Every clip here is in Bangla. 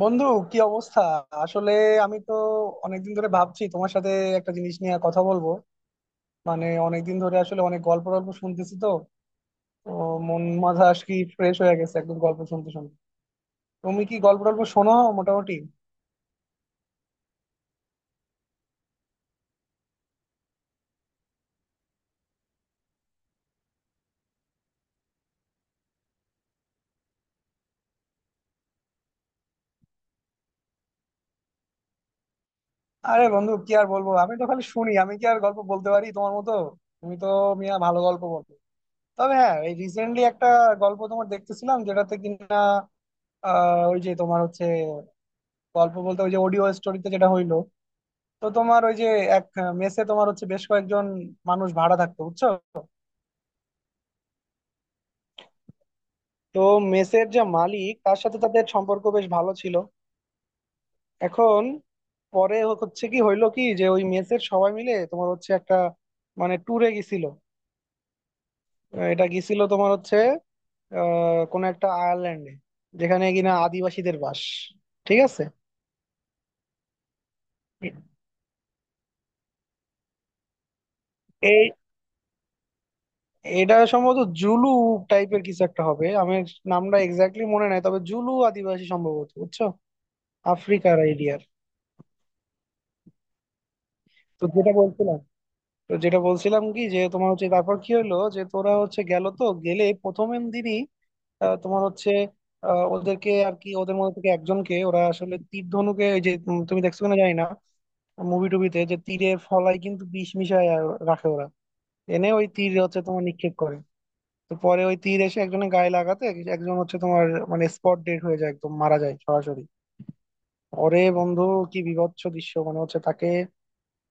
বন্ধু, কি অবস্থা? আসলে আমি তো অনেকদিন ধরে ভাবছি তোমার সাথে একটা জিনিস নিয়ে কথা বলবো। মানে অনেকদিন ধরে আসলে অনেক গল্প টল্প শুনতেছি তো। তো মন মাথা আজ কি ফ্রেশ হয়ে গেছে একদম গল্প শুনতে শুনতে। তুমি কি গল্প টল্প শোনো? মোটামুটি। আরে বন্ধু কি আর বলবো, আমি তো খালি শুনি, আমি কি আর গল্প বলতে পারি তোমার মতো? তুমি তো মিয়া ভালো গল্প বলো। তবে হ্যাঁ, এই রিসেন্টলি একটা গল্প তোমার দেখতেছিলাম যেটাতে কিনা ওই যে তোমার হচ্ছে গল্প বলতে ওই যে অডিও স্টোরিতে যেটা হইলো, তো তোমার ওই যে এক মেসে তোমার হচ্ছে বেশ কয়েকজন মানুষ ভাড়া থাকতো বুঝছো। তো মেসের যে মালিক তার সাথে তাদের সম্পর্ক বেশ ভালো ছিল। এখন পরে হচ্ছে কি হইলো কি, যে ওই মেসের সবাই মিলে তোমার হচ্ছে একটা মানে ট্যুরে গেছিল। এটা গেছিল তোমার হচ্ছে কোনো একটা আয়ারল্যান্ডে, যেখানে কিনা আদিবাসীদের বাস। ঠিক আছে। এই এটা সম্ভবত জুলু টাইপের কিছু একটা হবে। আমি নামটা এক্স্যাক্টলি মনে নাই, তবে জুলু আদিবাসী সম্ভবত, বুঝছো, আফ্রিকার আইডিয়া। তো যেটা বলছিলাম, কি যে তোমার হচ্ছে তারপর কি হলো যে তোরা হচ্ছে গেল, তো গেলে প্রথমের দিনই তোমার হচ্ছে ওদেরকে আর কি, ওদের মধ্যে থেকে একজনকে ওরা আসলে তীর ধনুকে, ওই যে তুমি তুমি দেখছো কিনা জানি না মুভি টুবিতে, যে তীরের ফলায় কিন্তু বিষ মিশায় আর রাখে ওরা, এনে ওই তীর হচ্ছে তোমার নিক্ষেপ করে। তো পরে ওই তীর এসে একজনের গায়ে লাগাতে একজন হচ্ছে তোমার মানে স্পট ডেড হয়ে যায়, একদম মারা যায় সরাসরি। ওরে বন্ধু, কি বীভৎস দৃশ্য! মানে হচ্ছে তাকে,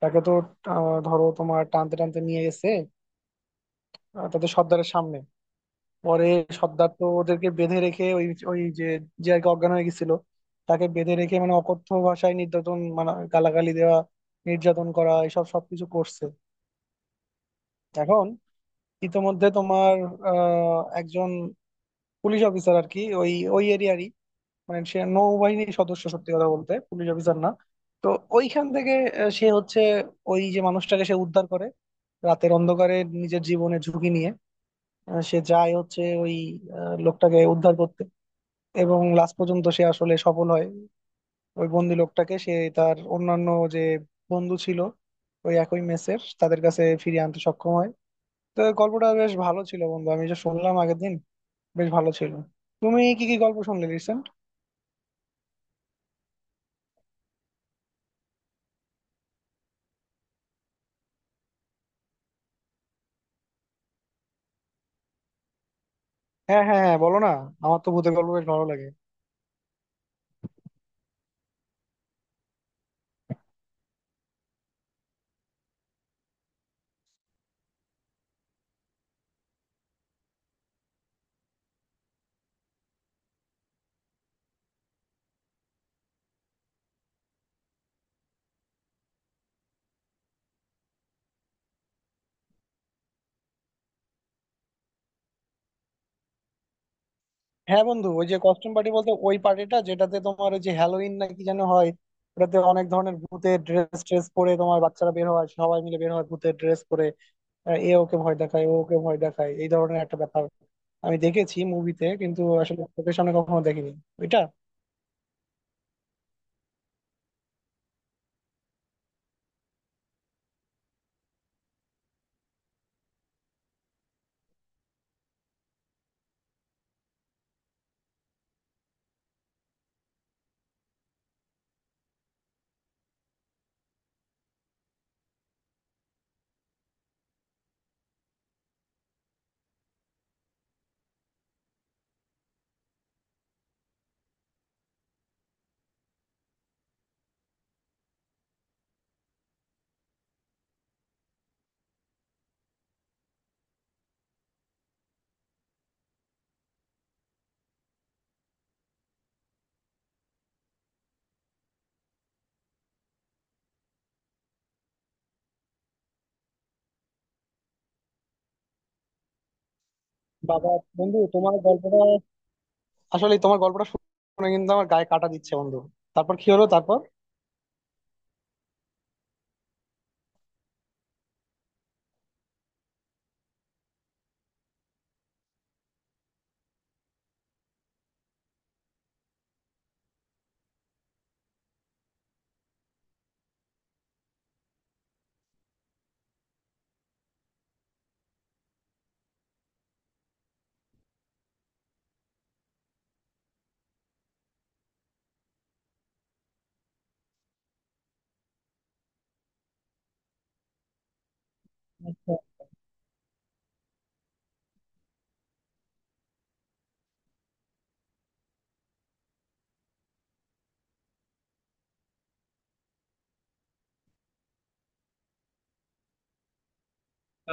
তাকে তো ধরো তোমার টানতে টানতে নিয়ে গেছে তাদের সর্দারের সামনে। পরে সর্দার তো ওদেরকে বেঁধে রেখে ওই, ওই যে, যে আর কি অজ্ঞান হয়ে গেছিল তাকে বেঁধে রেখে মানে অকথ্য ভাষায় নির্যাতন, মানে গালাগালি দেওয়া, নির্যাতন করা, এসব সবকিছু করছে। এখন ইতোমধ্যে তোমার একজন পুলিশ অফিসার আর কি, ওই ওই এরিয়ারই, মানে সে নৌবাহিনীর সদস্য, সত্যি কথা বলতে পুলিশ অফিসার না। তো ওইখান থেকে সে হচ্ছে ওই যে মানুষটাকে সে উদ্ধার করে রাতের অন্ধকারে, নিজের জীবনে ঝুঁকি নিয়ে সে যায় হচ্ছে ওই লোকটাকে উদ্ধার করতে, এবং লাস্ট পর্যন্ত সে আসলে সফল হয়। ওই বন্দি লোকটাকে সে তার অন্যান্য যে বন্ধু ছিল ওই একই মেসের, তাদের কাছে ফিরিয়ে আনতে সক্ষম হয়। তো গল্পটা বেশ ভালো ছিল বন্ধু, আমি যে শুনলাম আগের দিন, বেশ ভালো ছিল। তুমি কি কি গল্প শুনলে রিসেন্ট? হ্যাঁ হ্যাঁ হ্যাঁ, বলো না, আমার তো ভূতের গল্প বেশ ভালো লাগে। হ্যাঁ বন্ধু, ওই যে কস্টিউম পার্টি বলতে ওই পার্টিটা যেটাতে তোমার ওই যে হ্যালোইন না কি যেন হয়, ওটাতে অনেক ধরনের ভূতের ড্রেস ট্রেস পরে তোমার বাচ্চারা বের হয়, সবাই মিলে বের হয় ভূতের ড্রেস পরে। এ ওকে ভয় দেখায়, ও ওকে ভয় দেখায়, এই ধরনের একটা ব্যাপার আমি দেখেছি মুভিতে, কিন্তু আসলে চোখের সামনে কখনো দেখিনি ওইটা। বাবা! বন্ধু তোমার গল্পটা, আসলে তোমার গল্পটা শুনে কিন্তু আমার গায়ে কাটা দিচ্ছে বন্ধু। তারপর কি হলো, তারপর?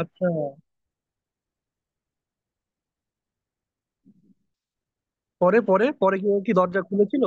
আচ্ছা, পরে পরে পরে কি, ও কি দরজা খুলেছিল?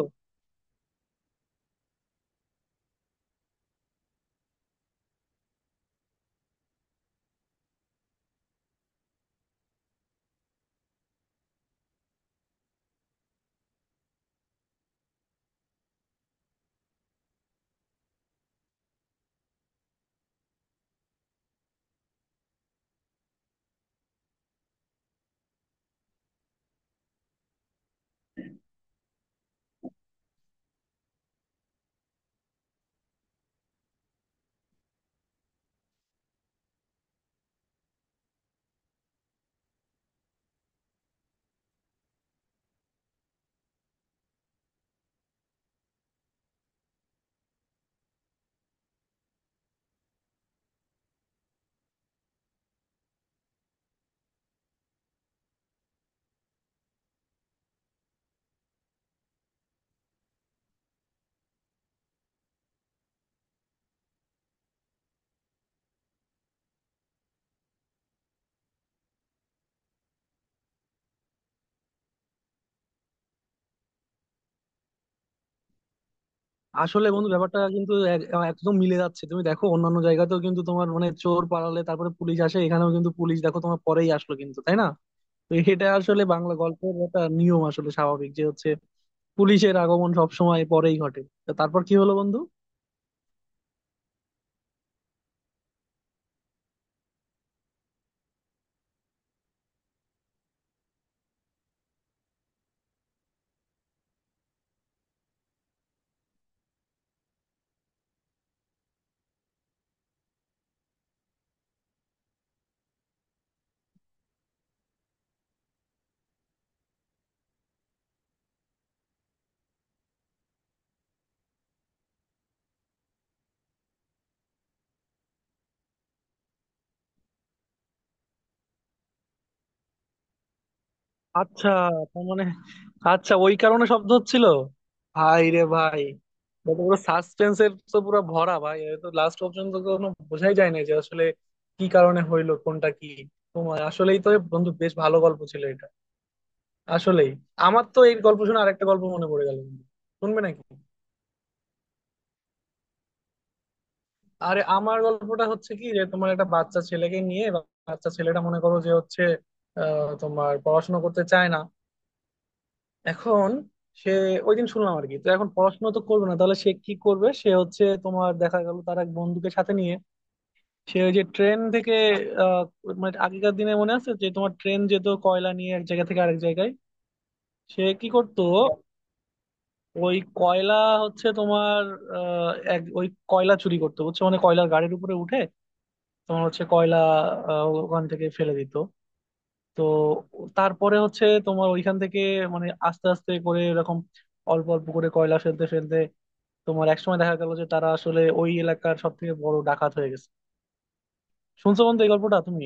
আসলে বন্ধু ব্যাপারটা কিন্তু একদম মিলে যাচ্ছে। তুমি দেখো অন্যান্য জায়গাতেও কিন্তু তোমার মানে চোর পালালে তারপরে পুলিশ আসে, এখানেও কিন্তু পুলিশ দেখো তোমার পরেই আসলো, কিন্তু তাই না? তো এটা আসলে বাংলা গল্পের একটা নিয়ম আসলে, স্বাভাবিক যে হচ্ছে পুলিশের আগমন সব সময় পরেই ঘটে। তো তারপর কি হলো বন্ধু? আচ্ছা, তার মানে, আচ্ছা ওই কারণে শব্দ হচ্ছিল! ভাই রে ভাই! এটা তো পুরো সাসপেন্স এর তো পুরো ভরা ভাই, এটা তো লাস্ট পর্যন্ত কোনো বোঝাই যায় না যে আসলে কি কারণে হইলো কোনটা কি। তোমার আসলেই তো বন্ধু বেশ ভালো গল্প ছিল এটা, আসলেই। আমার তো এই গল্প শুনে আরেকটা গল্প মনে পড়ে গেল বন্ধু। শুনবে নাকি? আরে, আমার গল্পটা হচ্ছে কি যে তোমার একটা বাচ্চা ছেলেকে নিয়ে। বাচ্চা ছেলেটা মনে করো যে হচ্ছে তোমার পড়াশোনা করতে চায় না। এখন সে ওই দিন শুনলাম আর কি, তো এখন পড়াশোনা তো করবে না, তাহলে সে কি করবে? সে হচ্ছে তোমার দেখা গেল তার এক বন্ধুকে সাথে নিয়ে সে ওই যে ট্রেন থেকে আহ, মানে আগেকার দিনে মনে আছে যে তোমার ট্রেন যেত কয়লা নিয়ে এক জায়গা থেকে আরেক জায়গায়, সে কি করতো, ওই কয়লা হচ্ছে তোমার এক ওই কয়লা চুরি করতো বুঝছো, মানে কয়লার গাড়ির উপরে উঠে তোমার হচ্ছে কয়লা ওখান থেকে ফেলে দিত। তো তারপরে হচ্ছে তোমার ওইখান থেকে মানে আস্তে আস্তে করে এরকম অল্প অল্প করে কয়লা ফেলতে ফেলতে তোমার একসময় দেখা গেল যে তারা আসলে ওই এলাকার সব থেকে বড় ডাকাত হয়ে গেছে। শুনছো বন্ধু এই গল্পটা তুমি?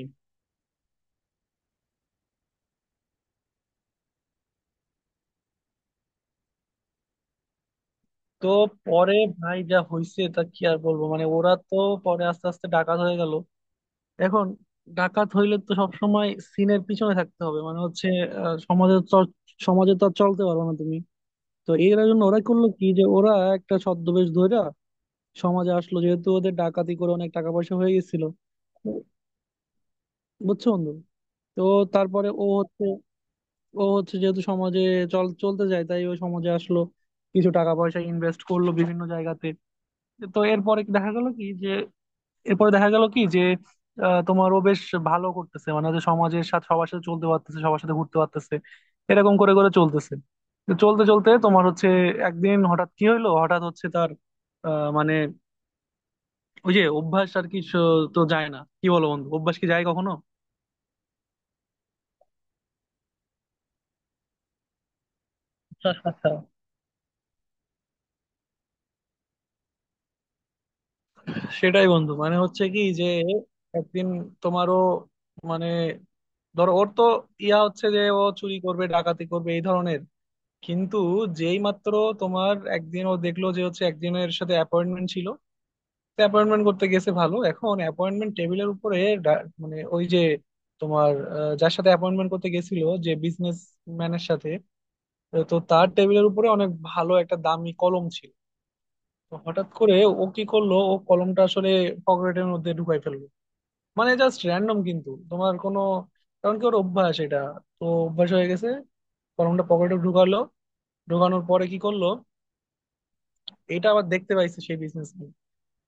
তো পরে ভাই যা হইছে তা কি আর বলবো, মানে ওরা তো পরে আস্তে আস্তে ডাকাত হয়ে গেল। এখন ডাকাত হইলে তো সবসময় সিনের পিছনে থাকতে হবে, মানে হচ্ছে সমাজে সমাজে তো আর চলতে পারবে না তুমি। তো এর জন্য ওরা করলো কি, যে ওরা একটা ছদ্মবেশ ধইরা সমাজে আসলো, যেহেতু ওদের ডাকাতি করে অনেক টাকা পয়সা হয়ে গেছিল, বুঝছো বন্ধু। তো তারপরে ও হচ্ছে, ও হচ্ছে যেহেতু সমাজে চলতে যায় তাই ও সমাজে আসলো, কিছু টাকা পয়সা ইনভেস্ট করলো বিভিন্ন জায়গাতে। তো এরপরে কি দেখা গেল কি যে, এরপরে দেখা গেল কি যে তোমার ও বেশ ভালো করতেছে, মানে হচ্ছে সমাজের সাথে সবার সাথে চলতে পারতেছে, সবার সাথে ঘুরতে পারতেছে, এরকম করে করে চলতেছে। তো চলতে চলতে তোমার হচ্ছে একদিন হঠাৎ কি হইলো, হঠাৎ হচ্ছে তার মানে ওই যে অভ্যাস আর কি, তো যায় না কি, বলো বন্ধু, অভ্যাস কি যায় কখনো? সেটাই বন্ধু, মানে হচ্ছে কি যে একদিন তোমারও মানে ধরো ওর তো ইয়া হচ্ছে যে ও চুরি করবে ডাকাতি করবে এই ধরনের, কিন্তু যেই মাত্র তোমার একদিন ও দেখলো যে হচ্ছে একজনের সাথে অ্যাপয়েন্টমেন্ট ছিল, অ্যাপয়েন্টমেন্ট করতে গেছে ভালো, এখন অ্যাপয়েন্টমেন্ট টেবিলের উপরে মানে ওই যে তোমার যার সাথে অ্যাপয়েন্টমেন্ট করতে গেছিল, যে বিজনেস ম্যানের সাথে, তো তার টেবিলের উপরে অনেক ভালো একটা দামি কলম ছিল। তো হঠাৎ করে ও কি করলো, ও কলমটা আসলে পকেটের মধ্যে ঢুকাই ফেললো, মানে জাস্ট র্যান্ডম কিন্তু তোমার কোনো কারণ কি, ওর অভ্যাস এটা, তো অভ্যাস হয়ে গেছে। কলমটা পকেটে ঢুকালো, ঢুকানোর পরে কি করলো, এটা আবার দেখতে পাইছে সেই বিজনেস।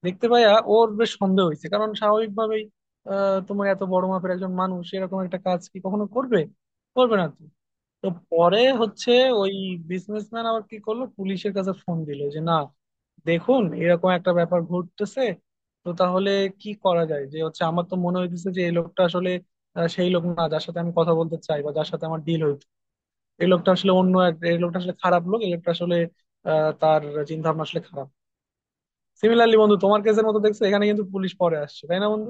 দেখতে পাইয়া ওর বেশ সন্দেহ হয়েছে, কারণ স্বাভাবিকভাবেই তোমার এত বড় মাপের একজন মানুষ এরকম একটা কাজ কি কখনো করবে, করবে না তো। তো পরে হচ্ছে ওই বিজনেসম্যান আবার কি করলো, পুলিশের কাছে ফোন দিল যে না, দেখুন এরকম একটা ব্যাপার ঘটতেছে, তো তাহলে কি করা যায়, যে হচ্ছে আমার তো মনে হইতেছে যে এই লোকটা আসলে সেই লোক না যার সাথে আমি কথা বলতে চাই বা যার সাথে আমার ডিল হইতো, এই লোকটা আসলে অন্য এক, এই লোকটা আসলে খারাপ লোক, এই লোকটা আসলে তার চিন্তা ভাবনা আসলে খারাপ। সিমিলারলি বন্ধু তোমার কেসের মতো দেখছো, এখানে কিন্তু পুলিশ পরে আসছে তাই না বন্ধু?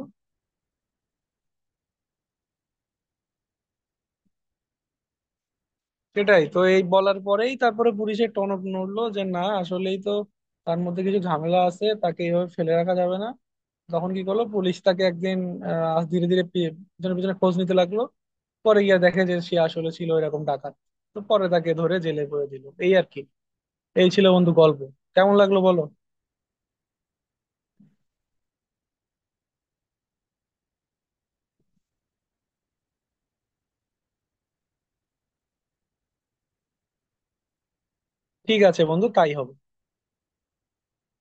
সেটাই তো, এই বলার পরেই তারপরে পুলিশের টনক নড়লো যে না আসলেই তো তার মধ্যে কিছু ঝামেলা আছে, তাকে এইভাবে ফেলে রাখা যাবে না। তখন কি করলো, পুলিশ তাকে একদিন ধীরে ধীরে পিছনে পিছনে খোঁজ নিতে লাগলো, পরে গিয়ে দেখে যে সে আসলে ছিল এরকম ডাকাত। তো পরে তাকে ধরে জেলে পুরে দিল এই আর কি। এই ছিল বন্ধু গল্প, কেমন লাগলো বলো? ঠিক আছে বন্ধু, তাই হবে।